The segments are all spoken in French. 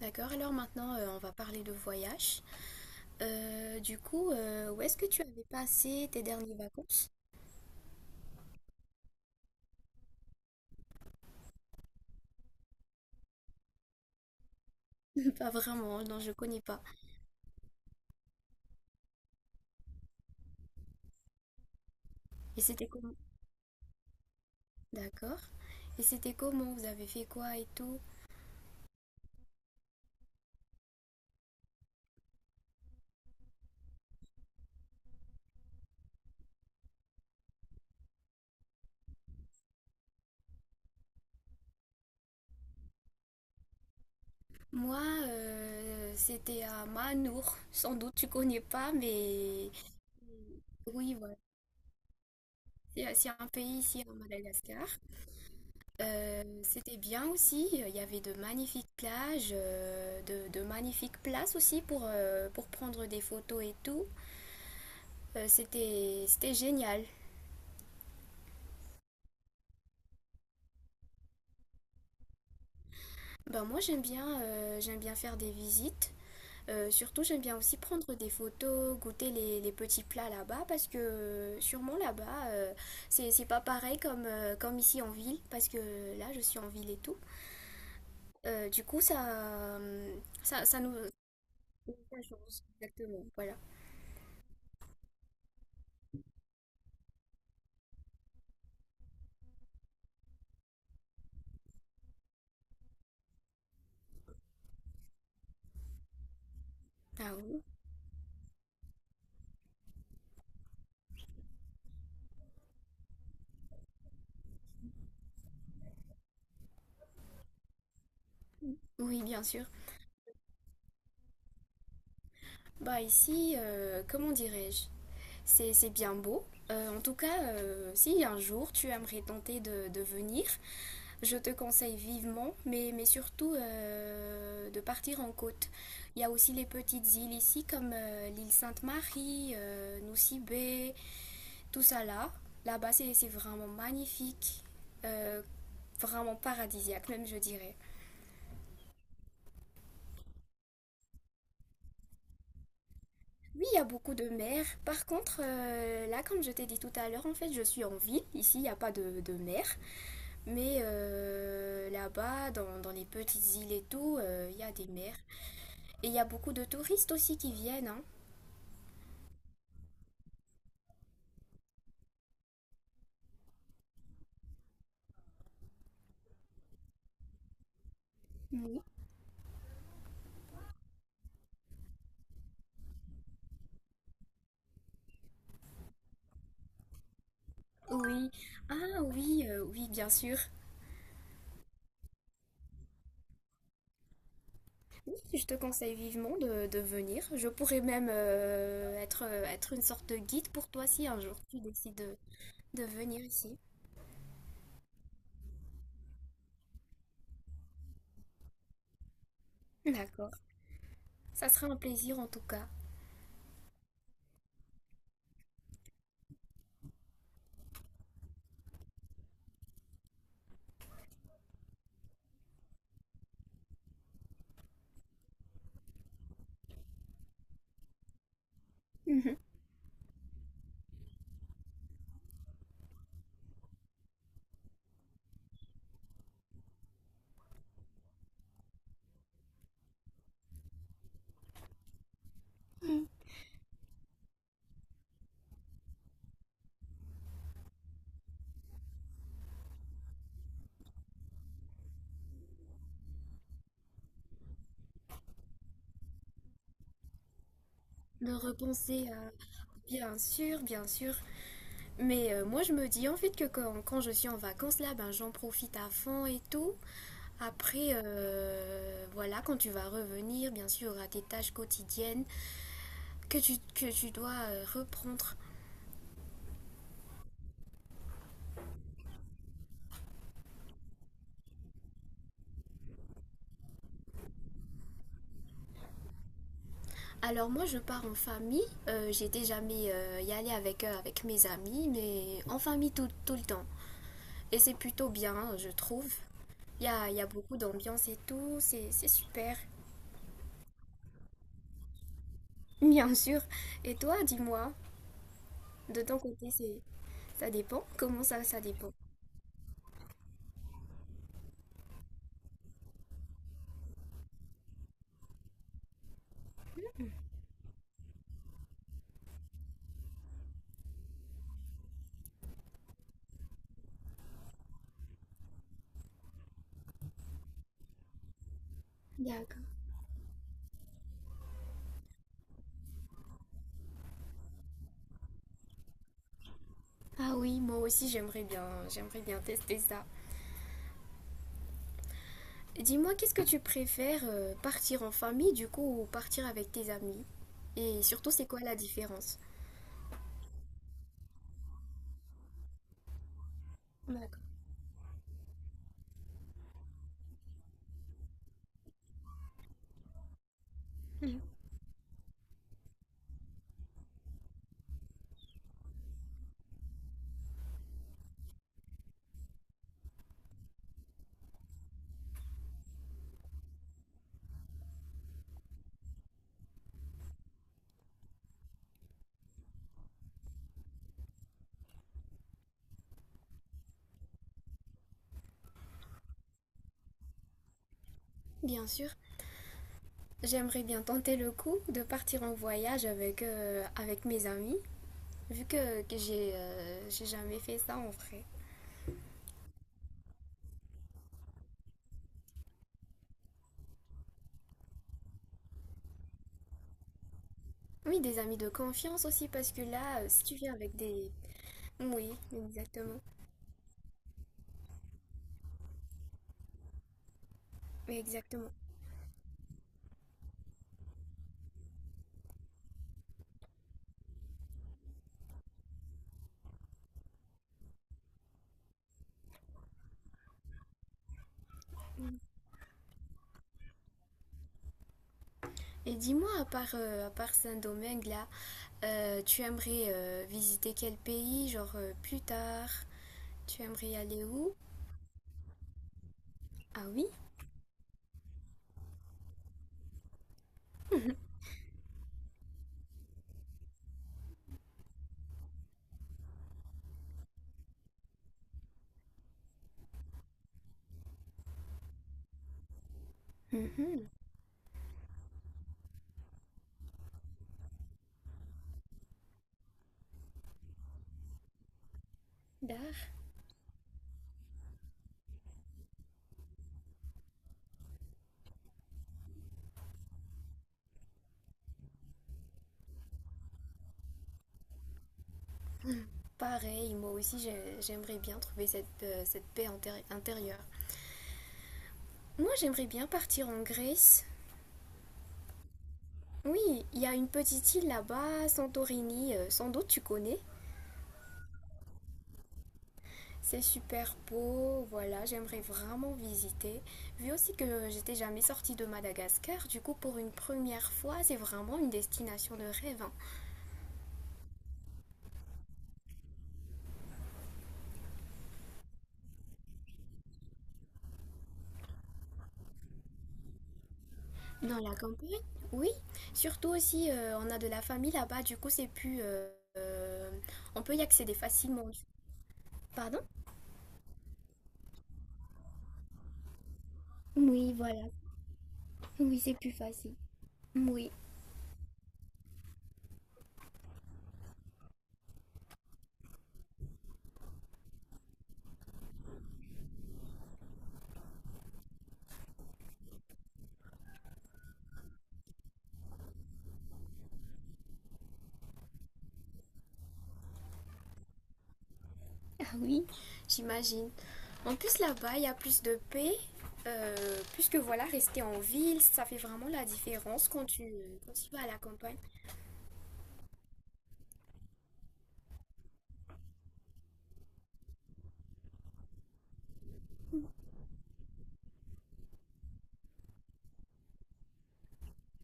D'accord, alors maintenant on va parler de voyage. Où est-ce que tu avais passé tes dernières vacances? Pas vraiment, hein, non, je connais pas. Et c'était comment? D'accord. Et c'était comment? Vous avez fait quoi et tout? Moi, c'était à Manour. Sans doute tu connais pas, mais oui, voilà. C'est un pays ici à Madagascar. C'était bien aussi, il y avait de magnifiques plages, de magnifiques places aussi pour prendre des photos et tout. C'était génial. Ben moi j'aime bien faire des visites. Surtout j'aime bien aussi prendre des photos, goûter les petits plats là-bas parce que sûrement là-bas c'est pas pareil comme, comme ici en ville parce que là je suis en ville et tout. Euh, du coup ça, ça nous... ça change, exactement, voilà. Ah oui. Oui, bien sûr. Bah ici, comment dirais-je? C'est bien beau. En tout cas, si un jour tu aimerais tenter de venir, je te conseille vivement, mais surtout de partir en côte. Il y a aussi les petites îles ici, comme l'île Sainte-Marie, Nosy Be, tout ça là. Là-bas, c'est vraiment magnifique, euh, vraiment paradisiaque même, je dirais. Oui, il y a beaucoup de mer. Par contre, là, comme je t'ai dit tout à l'heure, en fait, je suis en ville. Ici, il n'y a pas de mer. Mais là-bas, dans les petites îles et tout, il y a des mers. Et il y a beaucoup de touristes aussi qui viennent, hein. Oui. Oui. Ah oui, oui, bien sûr. Oui, je te conseille vivement de venir. Je pourrais même être une sorte de guide pour toi si un jour tu décides de venir ici. D'accord. Ça sera un plaisir en tout cas. Mhm. De repenser à, bien sûr, bien sûr. Mais moi, je me dis en fait que quand je suis en vacances là, ben j'en profite à fond et tout. Après, voilà, quand tu vas revenir, bien sûr, à tes tâches quotidiennes que que tu dois reprendre. Alors moi, je pars en famille. J'étais jamais y aller avec eux, avec mes amis, mais en famille tout le temps. Et c'est plutôt bien, hein, je trouve. Il y a beaucoup d'ambiance et tout, c'est super. Bien sûr. Et toi, dis-moi, de ton côté, c'est... Ça dépend? Comment ça, ça dépend? D'accord. Ah oui, moi aussi j'aimerais bien tester ça. Dis-moi, qu'est-ce que tu préfères, partir en famille du coup ou partir avec tes amis? Et surtout, c'est quoi la différence? D'accord. Bien sûr, j'aimerais bien tenter le coup de partir en voyage avec, avec mes amis, vu que j'ai jamais fait ça en vrai. Oui, des amis de confiance aussi, parce que là, si tu viens avec des... Oui, exactement. Oui, exactement. Et dis-moi, à part Saint-Domingue, là, tu aimerais visiter quel pays, genre plus tard? Tu aimerais aller où? Ah oui? Mhm. Dar. Pareil, moi aussi j'aimerais bien trouver cette, cette intérieure. Moi j'aimerais bien partir en Grèce. Oui, il y a une petite île là-bas, Santorini, sans doute tu connais. C'est super beau, voilà, j'aimerais vraiment visiter. Vu aussi que j'étais jamais sortie de Madagascar, du coup pour une première fois, c'est vraiment une destination de rêve, hein. Dans la campagne, oui. Surtout aussi, on a de la famille là-bas, du coup c'est plus... euh, on peut y accéder facilement. Pardon? Oui, voilà. Oui, c'est plus facile. Oui. Ah oui. J'imagine. En plus, là-bas, il y a plus de paix. Puisque voilà, rester en ville, ça fait vraiment la différence quand quand tu vas à la campagne.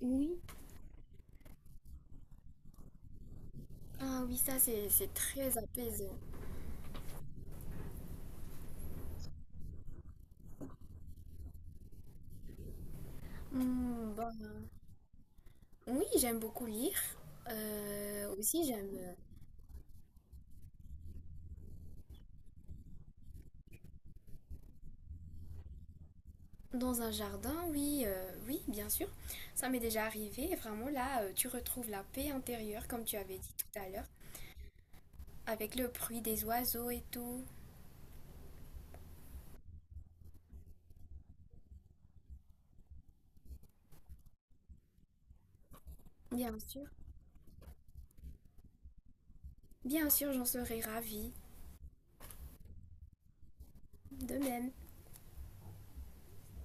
Oui. Ah oui, ça c'est très apaisant. Hmm, bon. Oui, j'aime beaucoup lire. Aussi, j'aime dans un jardin, oui, oui, bien sûr. Ça m'est déjà arrivé. Et vraiment, là, tu retrouves la paix intérieure, comme tu avais dit tout à l'heure, avec le bruit des oiseaux et tout. Bien sûr. Bien sûr, j'en serais ravie. De même.